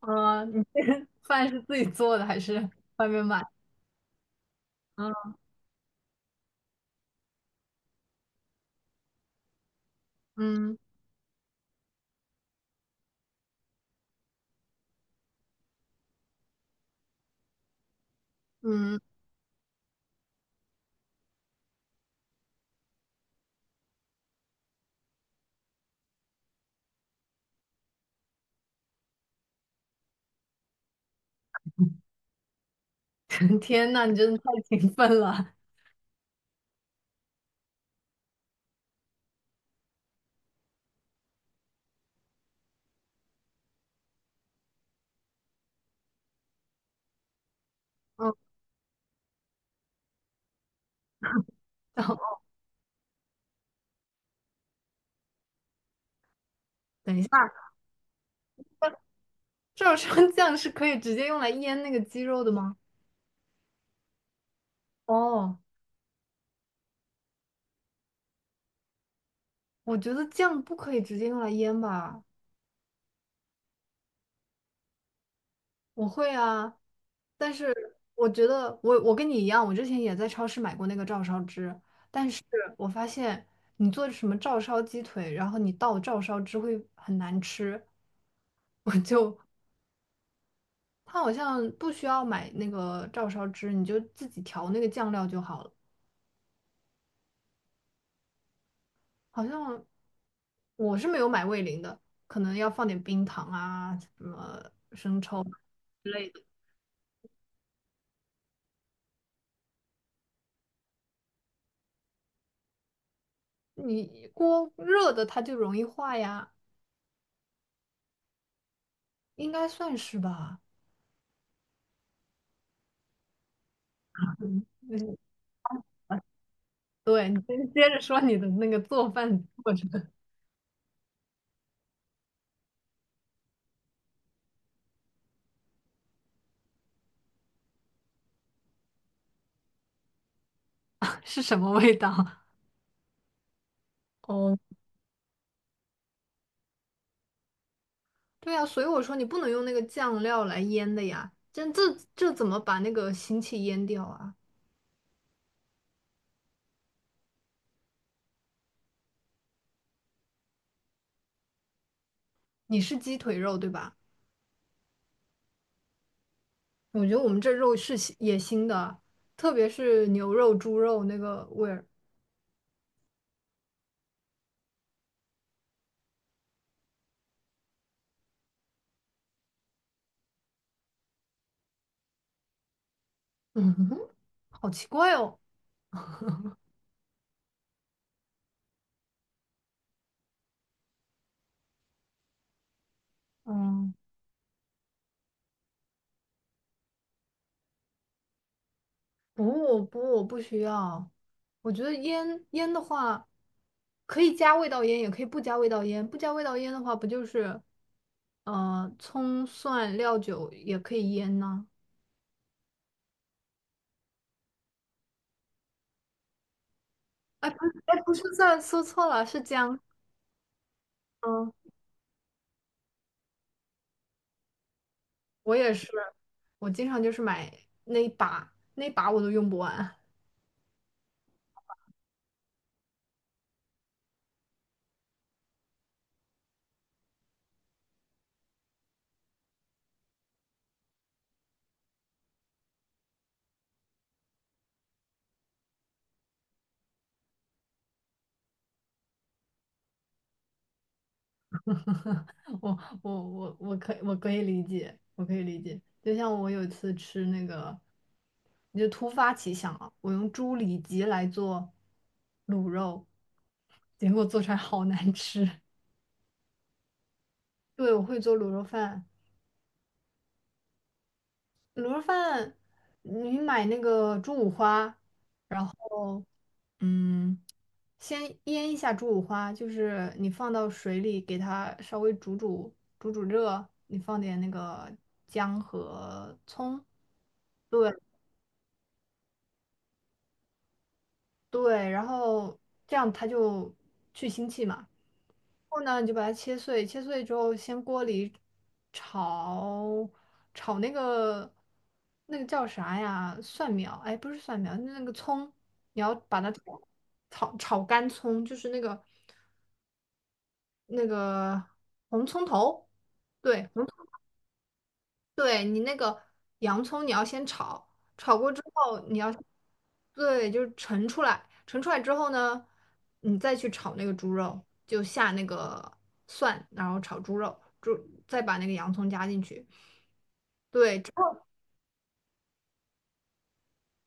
嗯，你这个饭是自己做的还是外面买？嗯嗯嗯，天呐，你真的太勤奋了。嗯，等等一下，照烧酱是可以直接用来腌那个鸡肉的吗？哦，我觉得酱不可以直接用来腌吧。我会啊，但是我觉得我跟你一样，我之前也在超市买过那个照烧汁，但是我发现你做什么照烧鸡腿，然后你倒照烧汁会很难吃，我就它好像不需要买那个照烧汁，你就自己调那个酱料就好了。好像我是没有买味淋的，可能要放点冰糖啊什么。你锅热的它就容易化呀，应该算是吧。嗯，啊对，你先接着说你的那个做饭过程。 是什么味道？哦，对啊，所以我说你不能用那个酱料来腌的呀，这这怎么把那个腥气腌掉啊？你是鸡腿肉对吧？我觉得我们这肉是野也腥的，特别是牛肉、猪肉那个味儿，嗯，好奇怪哦。嗯，不，我不需要。我觉得腌腌的话，可以加味道腌，也可以不加味道腌。不加味道腌的话，不就是葱蒜料酒也可以腌呢？哎，不是，哎，不是蒜，说错了，是姜。嗯，我也是，我经常就是买那一把，那一把我都用不完。我可以可以理解，我可以理解。就像我有一次吃那个，你就突发奇想啊，我用猪里脊来做卤肉，结果做出来好难吃。对，我会做卤肉饭，卤肉饭你买那个猪五花，然后嗯，先腌一下猪五花，就是你放到水里给它稍微煮热，你放点那个姜和葱。对对，然后这样它就去腥气嘛。然后呢，你就把它切碎，切碎之后先锅里炒炒那个那个叫啥呀？蒜苗？哎，不是蒜苗，那个葱，你要把它炒炒干葱，就是那个红葱头，对，红。对你那个洋葱，你要先炒，炒过之后你要，对，就是盛出来，盛出来之后呢，你再去炒那个猪肉，就下那个蒜，然后炒猪肉，猪再把那个洋葱加进去。对，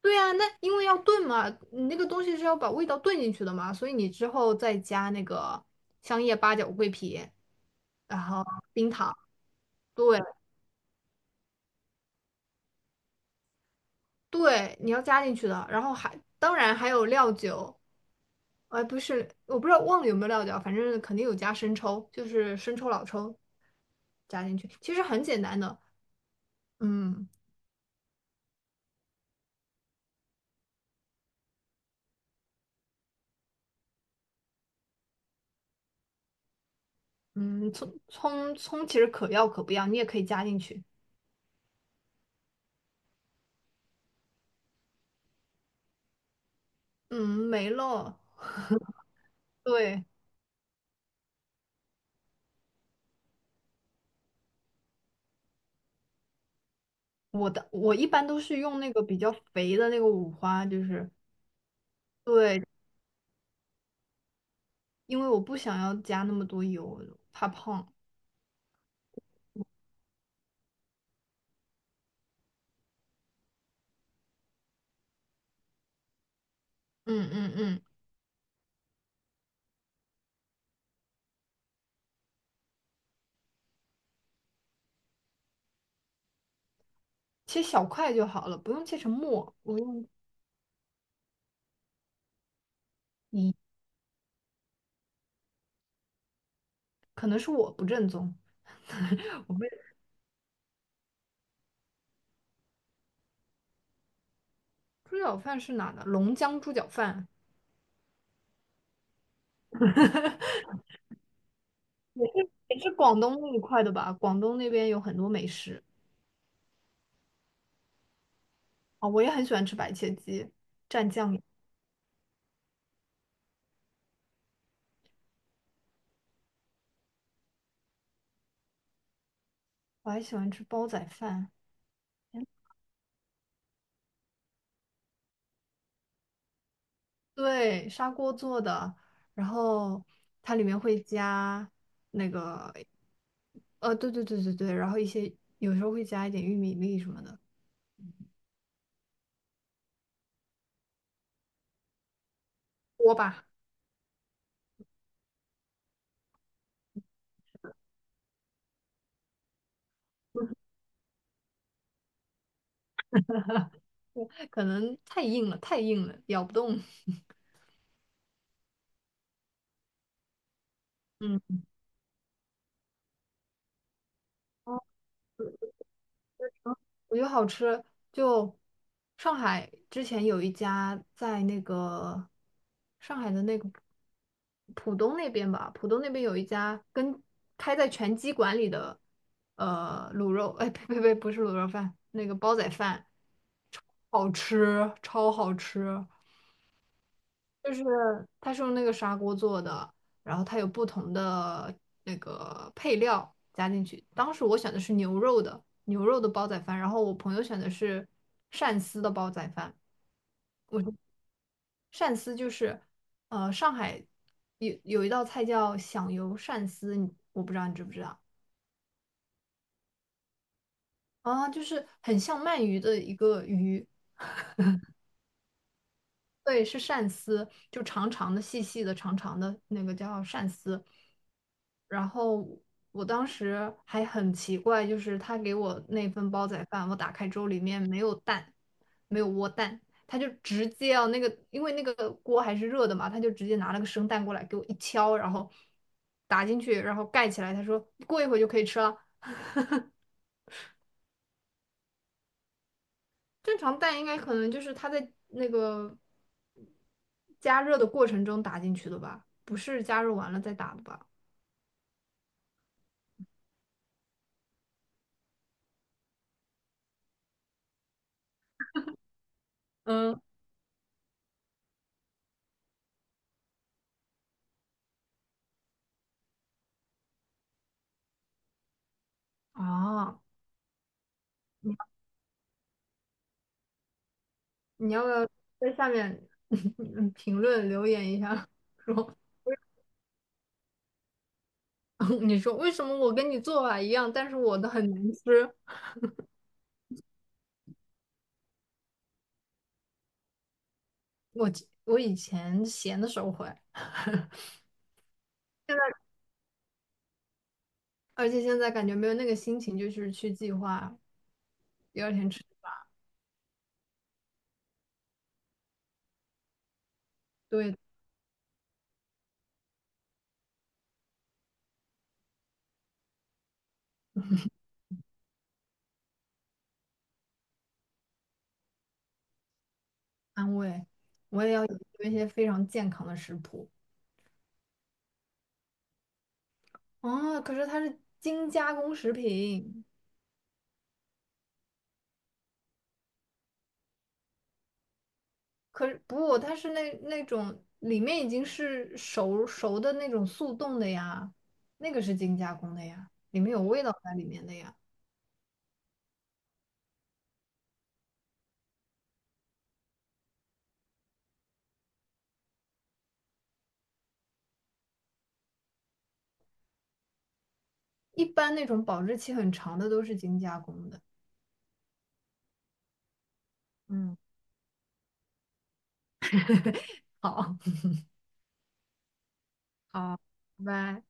对啊，那因为要炖嘛，你那个东西是要把味道炖进去的嘛，所以你之后再加那个香叶、八角、桂皮，然后冰糖，对，对，你要加进去的，然后还当然还有料酒，哎，不是，我不知道忘了有没有料酒啊，反正肯定有加生抽，就是生抽、老抽加进去，其实很简单的，嗯嗯，葱其实可要可不要，你也可以加进去，嗯，没了。对，我一般都是用那个比较肥的那个五花，就是对，因为我不想要加那么多油，怕胖。嗯嗯嗯，切小块就好了，不用切成末。我用可能是我不正宗，我们猪脚饭是哪的？龙江猪脚饭。 也是广东那一块的吧？广东那边有很多美食。啊、我也很喜欢吃白切鸡蘸酱油，我还喜欢吃煲仔饭，对，砂锅做的，然后它里面会加那个对对，然后一些有时候会加一点玉米粒什么的，锅巴，可能太硬了，咬不动。嗯。我觉得好吃，就上海之前有一家在那个上海的那个浦东那边吧，浦东那边有一家跟开在拳击馆里的卤肉，哎呸呸呸，不是卤肉饭，那个煲仔饭，好吃，超好吃。就是它是用那个砂锅做的，然后它有不同的那个配料加进去。当时我选的是牛肉的煲仔饭，然后我朋友选的是鳝丝的煲仔饭。鳝丝就是上海有一道菜叫响油鳝丝，你我不知道你知不知道啊，就是很像鳗鱼的一个鱼，对，是鳝丝，就长长的、细细的、长长的那个叫鳝丝。然后我当时还很奇怪，就是他给我那份煲仔饭，我打开之后里面没有蛋，没有窝蛋，他就直接啊那个，因为那个锅还是热的嘛，他就直接拿了个生蛋过来给我一敲，然后打进去，然后盖起来，他说过一会儿就可以吃了。正常蛋应该可能就是它在那个加热的过程中打进去的吧，不是加热完了再打的吧？嗯，啊，你要不要在下面 评论留言一下，说 你说为什么我跟你做法一样，但是我的很难吃？我我以前闲的时候会，现在而且现在感觉没有那个心情，就是去计划第二天吃吧，对，安慰。我也要有一些非常健康的食谱。哦，可是它是精加工食品，可是不，它是那种里面已经是熟熟的那种速冻的呀，那个是精加工的呀，里面有味道在里面的呀。一般那种保质期很长的都是精加工的。嗯，好，好，拜拜。